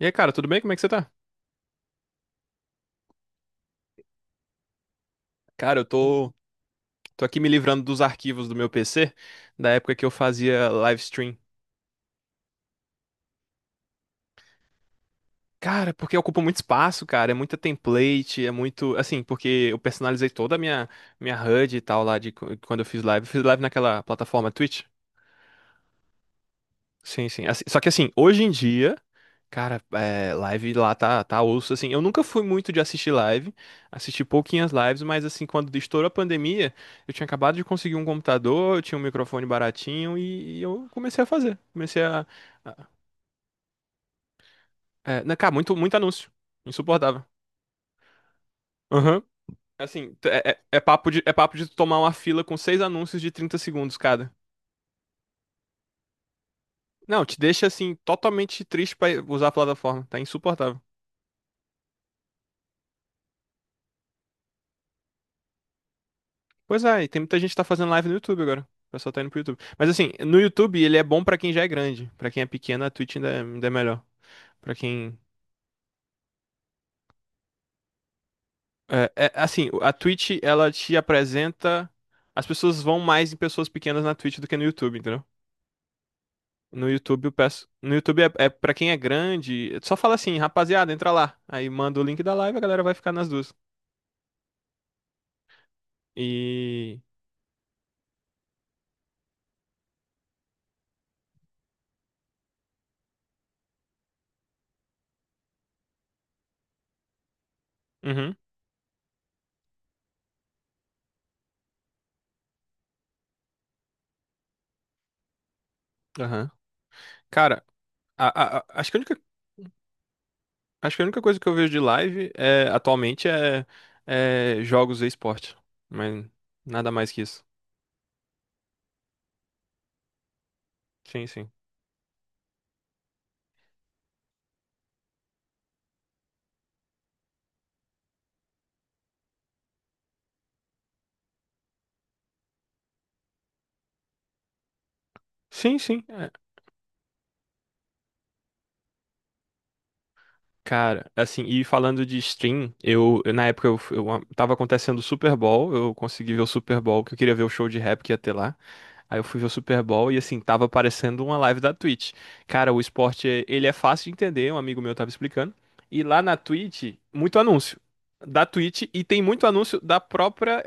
E aí, cara, tudo bem? Como é que você tá? Cara, eu tô aqui me livrando dos arquivos do meu PC, da época que eu fazia live stream. Cara, porque ocupa muito espaço, cara, é muita template, é muito, assim, porque eu personalizei toda a minha HUD e tal lá de quando eu fiz live. Eu fiz live naquela plataforma Twitch. Sim, sim. Só que assim, hoje em dia, cara, live lá tá osso, assim. Eu nunca fui muito de assistir live, assisti pouquinhas lives, mas assim, quando estourou a pandemia, eu tinha acabado de conseguir um computador, eu tinha um microfone baratinho e eu comecei a fazer. Comecei a... a cara, muito, muito anúncio. Insuportável. Aham. É papo de, é papo de tu tomar uma fila com 6 anúncios de 30 segundos cada. Não, te deixa assim, totalmente triste pra usar a plataforma. Tá insuportável. Pois é, e tem muita gente que tá fazendo live no YouTube agora. O pessoal tá indo pro YouTube. Mas assim, no YouTube ele é bom pra quem já é grande. Pra quem é pequeno, a Twitch ainda é melhor. Pra quem. Assim, a Twitch, ela te apresenta. As pessoas vão mais em pessoas pequenas na Twitch do que no YouTube, entendeu? No YouTube, eu peço. No YouTube é para quem é grande. Só fala assim, rapaziada, entra lá. Aí manda o link da live, a galera vai ficar nas duas. E. Uhum, aham. Cara, a- acho que a única. Acho que a única coisa que eu vejo de live atualmente é jogos e esporte. Mas nada mais que isso. Sim, sim. Sim, sim. É. Cara, assim, e falando de stream, na época eu, f- eu a- tava acontecendo o Super Bowl, eu consegui ver o Super Bowl, que eu queria ver o show de rap que ia ter lá. Aí eu fui ver o Super Bowl e assim, tava aparecendo uma live da Twitch. Cara, o esporte, ele é fácil de entender, um amigo meu tava explicando. E lá na Twitch, muito anúncio da Twitch e tem muito anúncio da própria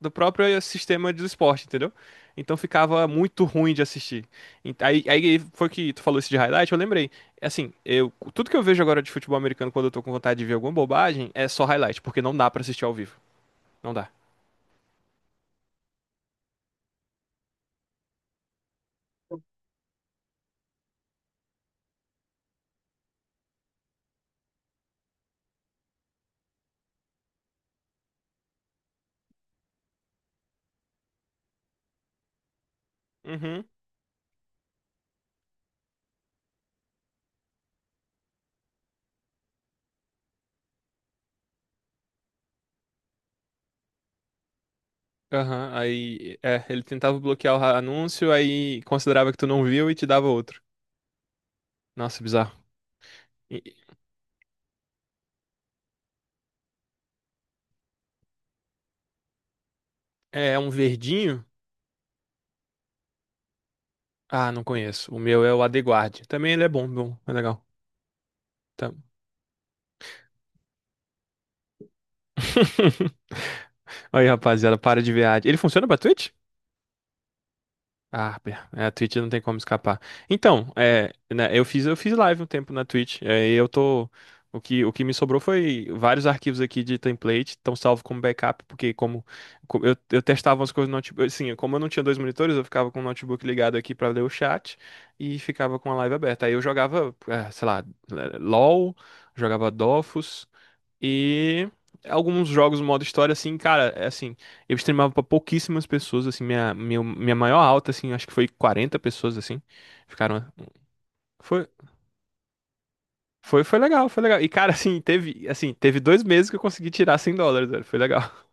do próprio sistema de esporte, entendeu? Então ficava muito ruim de assistir. Aí foi que tu falou isso de highlight, eu lembrei. Assim, tudo que eu vejo agora de futebol americano quando eu tô com vontade de ver alguma bobagem é só highlight, porque não dá pra assistir ao vivo. Não dá. Uhum. Aham, aí é, ele tentava bloquear o anúncio, aí considerava que tu não viu e te dava outro. Nossa, bizarro. E- É um verdinho? Ah, não conheço. O meu é o AdeGuard. Também ele é bom, bom, é legal. Tá. Aí, rapaziada, para de ver ad. Ele funciona pra Twitch? Harper, a Twitch não tem como escapar. Então, né, eu fiz live um tempo na Twitch, e eu tô. O que me sobrou foi vários arquivos aqui de template, estão salvo como backup, porque eu testava umas coisas no notebook, assim, como eu não tinha 2 monitores, eu ficava com o notebook ligado aqui pra ler o chat e ficava com a live aberta. Aí eu jogava, sei lá, LOL, jogava Dofus, e alguns jogos modo história, assim, cara, é assim, eu streamava pra pouquíssimas pessoas, assim, minha maior alta, assim, acho que foi 40 pessoas, assim, ficaram... Foi, foi legal. E, cara, assim, teve 2 meses que eu consegui tirar US$ 100, velho, foi legal.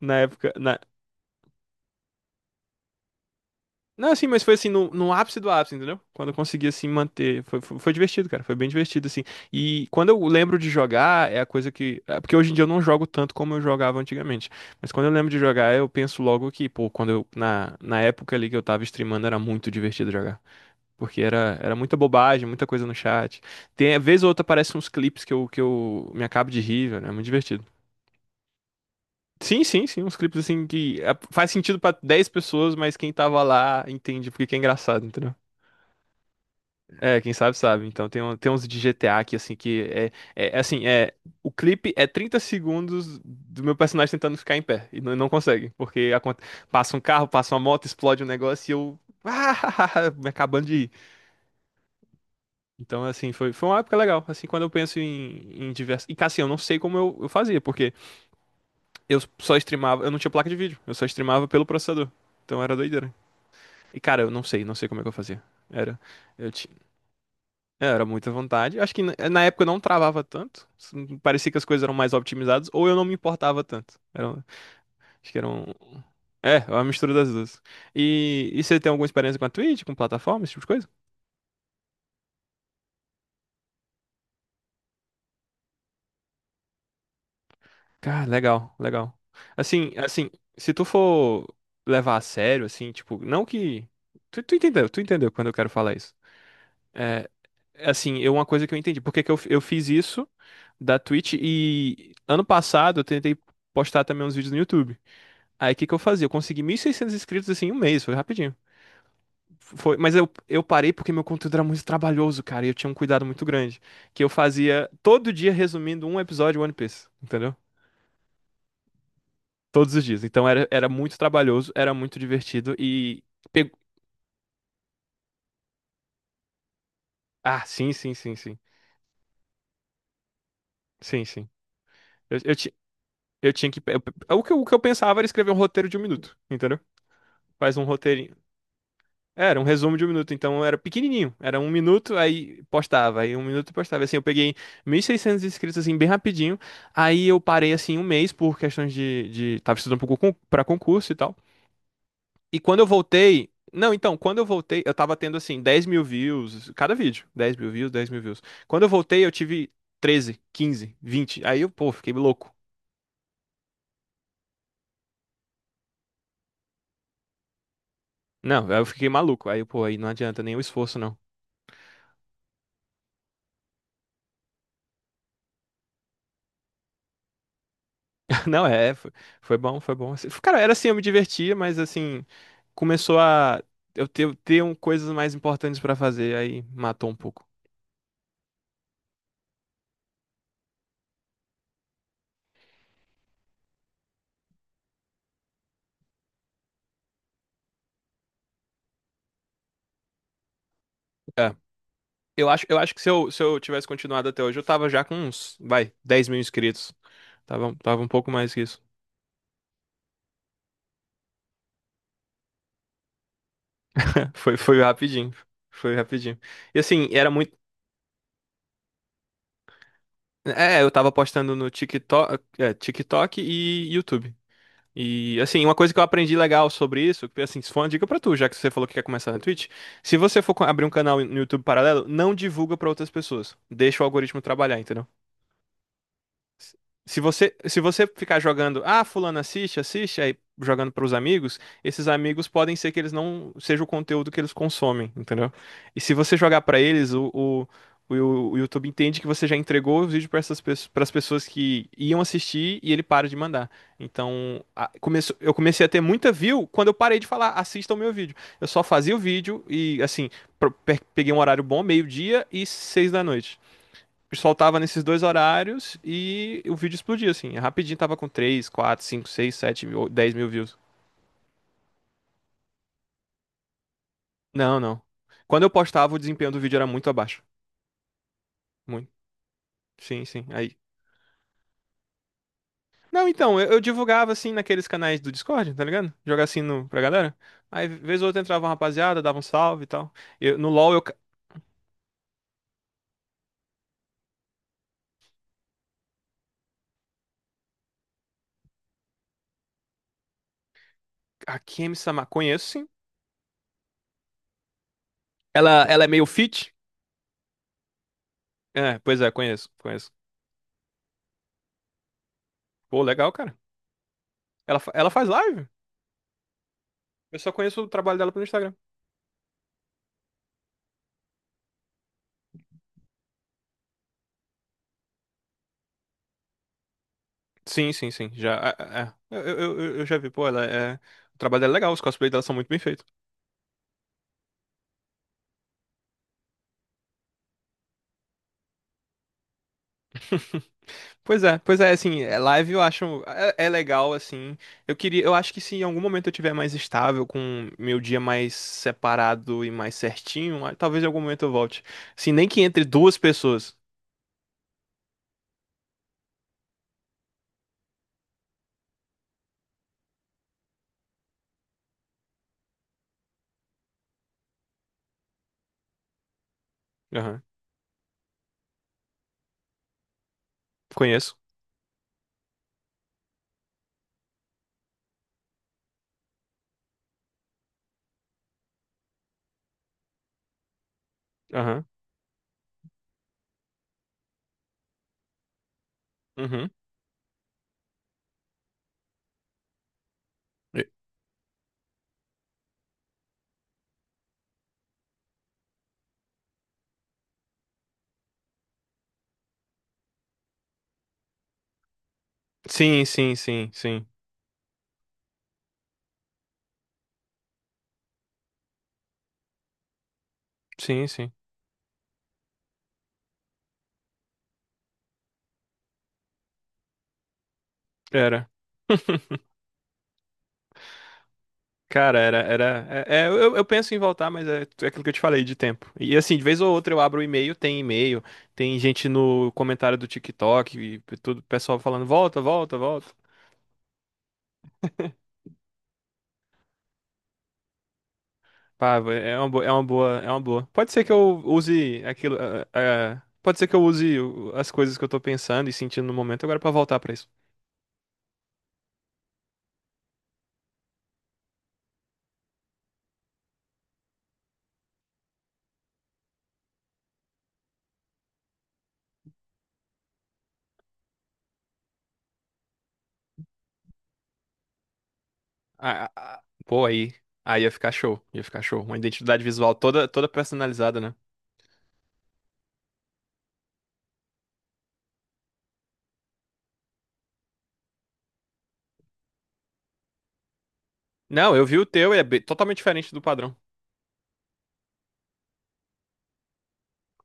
Na época. Na, Não, assim, mas foi assim, no ápice do ápice, entendeu? Quando eu consegui, assim, manter. Foi divertido, cara. Foi bem divertido, assim. E quando eu lembro de jogar, é a coisa que. É. Porque hoje em dia eu não jogo tanto como eu jogava antigamente. Mas quando eu lembro de jogar, eu penso logo que, pô, quando eu. Na época ali que eu tava streamando, era muito divertido jogar. Porque era muita bobagem, muita coisa no chat. Tem, vez ou outra aparecem uns clipes que eu me acabo de rir, velho. É muito divertido. Sim, sim, sim, uns clipes assim que é, faz sentido pra 10 pessoas, mas quem tava lá entende porque que é engraçado, entendeu? É, quem sabe sabe. Então tem uns de GTA aqui, assim, que é, é é assim, é. O clipe é 30 segundos do meu personagem tentando ficar em pé. E não, não consegue. Porque passa um carro, passa uma moto, explode um negócio e eu. Me acabando de ir. Então, assim, foi uma época legal. Assim, quando eu penso em diversas. E, cara, assim, eu não sei como eu fazia, porque eu só streamava. Eu não tinha placa de vídeo, eu só streamava pelo processador. Então era doideira. E, cara, eu não sei como é que eu fazia. Era. Eu Era muita vontade. Acho que na época eu não travava tanto. Parecia que as coisas eram mais optimizadas, ou eu não me importava tanto. Acho que era um. É, uma mistura das duas. E você tem alguma experiência com a Twitch, com plataforma, esse tipo de coisa? Cara, legal, legal. Assim, assim, Se tu for levar a sério, assim, tipo, não que. Tu entendeu quando eu quero falar isso. É, assim, uma coisa que eu entendi. Por que que eu fiz isso da Twitch e ano passado eu tentei postar também uns vídeos no YouTube. Aí o que que eu fazia? Eu consegui 1.600 inscritos assim em um mês, foi rapidinho. Foi, mas eu parei porque meu conteúdo era muito trabalhoso, cara, e eu tinha um cuidado muito grande. Que eu fazia todo dia resumindo um episódio de One Piece, entendeu? Todos os dias. Então era muito trabalhoso, era muito divertido e. pe- Ah, sim, sim, sim, sim. Sim, sim. Eu, eu, ti- eu tinha que. O que eu pensava era escrever um roteiro de 1 minuto, entendeu? Faz um roteiro. Era um resumo de 1 minuto, então era pequenininho. Era 1 minuto, aí postava, aí um minuto postava. Assim, eu peguei 1.600 inscritos, assim, bem rapidinho. Aí eu parei, assim, um mês por questões de... Tava estudando pro pra concurso e tal. E quando eu voltei... Não, então, quando eu voltei, eu tava tendo, assim, 10.000 views, cada vídeo. 10.000 views, 10.000 views. Quando eu voltei, eu tive treze, quinze, vinte. Aí eu, pô, fiquei louco. Não, aí eu fiquei maluco. Aí, pô, aí não adianta nem o esforço, não. Não, foi bom, foi bom. Assim, cara, era assim, eu me divertia, mas assim, começou a eu ter um, coisas mais importantes pra fazer, aí matou um pouco. É. Eu acho que se eu tivesse continuado até hoje, eu tava já com uns, vai, 10.000 inscritos. Tava um pouco mais que isso. Foi rapidinho. Foi rapidinho. E assim, era muito. É, eu tava postando no TikTok, TikTok e YouTube. E assim, uma coisa que eu aprendi legal sobre isso, que assim, isso foi uma dica pra tu, já que você falou que quer começar na Twitch, se você for abrir um canal no YouTube paralelo, não divulga pra outras pessoas. Deixa o algoritmo trabalhar, entendeu? Se se você ficar jogando, ah, fulano assiste, assiste, aí jogando para os amigos, esses amigos podem ser que eles não seja o conteúdo que eles consomem, entendeu? E se você jogar para eles, o YouTube entende que você já entregou o vídeo para as pessoas que iam assistir e ele para de mandar. Então, eu comecei a ter muita view quando eu parei de falar, assista o meu vídeo. Eu só fazia o vídeo e assim, peguei um horário bom, 12h e 18h, soltava nesses 2 horários e o vídeo explodia, assim. Rapidinho tava com três, quatro, cinco, seis, 7 mil, 10 mil views. Não, não. Quando eu postava, o desempenho do vídeo era muito abaixo. Muito. Sim, sim. Aí. Não, então, eu divulgava assim naqueles canais do Discord, tá ligado? Jogar assim no, pra galera. Aí, vez ou outra, entrava uma rapaziada, dava um salve e tal. No LoL, eu. Ca-. A Kemi Sama, conheço sim. Ela é meio fit. É, pois é, conheço, conheço. Pô, legal, cara. Ela faz live. Eu só conheço o trabalho dela pelo Instagram. Sim, sim, sim. Já, é, é. É. Eu já vi, pô, ela é... O trabalho dela é legal, os cosplays dela são muito bem feitos. Assim, live eu acho, é legal, assim, eu acho que se em algum momento eu tiver mais estável, com meu dia mais separado e mais certinho, ah, talvez em algum momento eu volte, assim, nem que entre 2 pessoas. Aham. Conheço, aham, uhum. E- Sim, sim, sim, sim, sim, sim, era. Cara, era, eu penso em voltar, mas é aquilo que eu te falei de tempo. E assim, de vez ou outra eu abro o e-mail, tem gente no comentário do TikTok e tudo, pessoal falando volta, volta, volta. Pá, é uma boa, é uma boa, é uma boa. Pode ser que eu use aquilo, pode ser que eu use as coisas que eu tô pensando e sentindo no momento agora pra voltar pra isso. Ah, ah, Pô, aí ia ficar show, ia ficar show. Uma identidade visual toda, toda personalizada, né? Não, eu vi o teu e é totalmente diferente do padrão.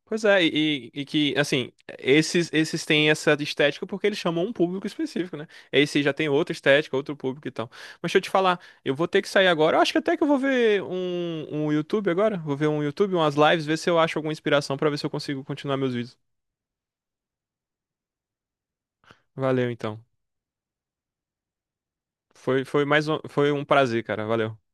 Pois é, e que, assim, esses têm essa estética porque eles chamam um público específico, né? Esse já tem outra estética, outro público e tal. Mas deixa eu te falar, eu vou ter que sair agora. Eu acho que até que eu vou ver um YouTube agora. Vou ver um YouTube, umas lives, ver se eu acho alguma inspiração pra ver se eu consigo continuar meus vídeos. Valeu, então. Foi mais um, foi um prazer, cara. Valeu.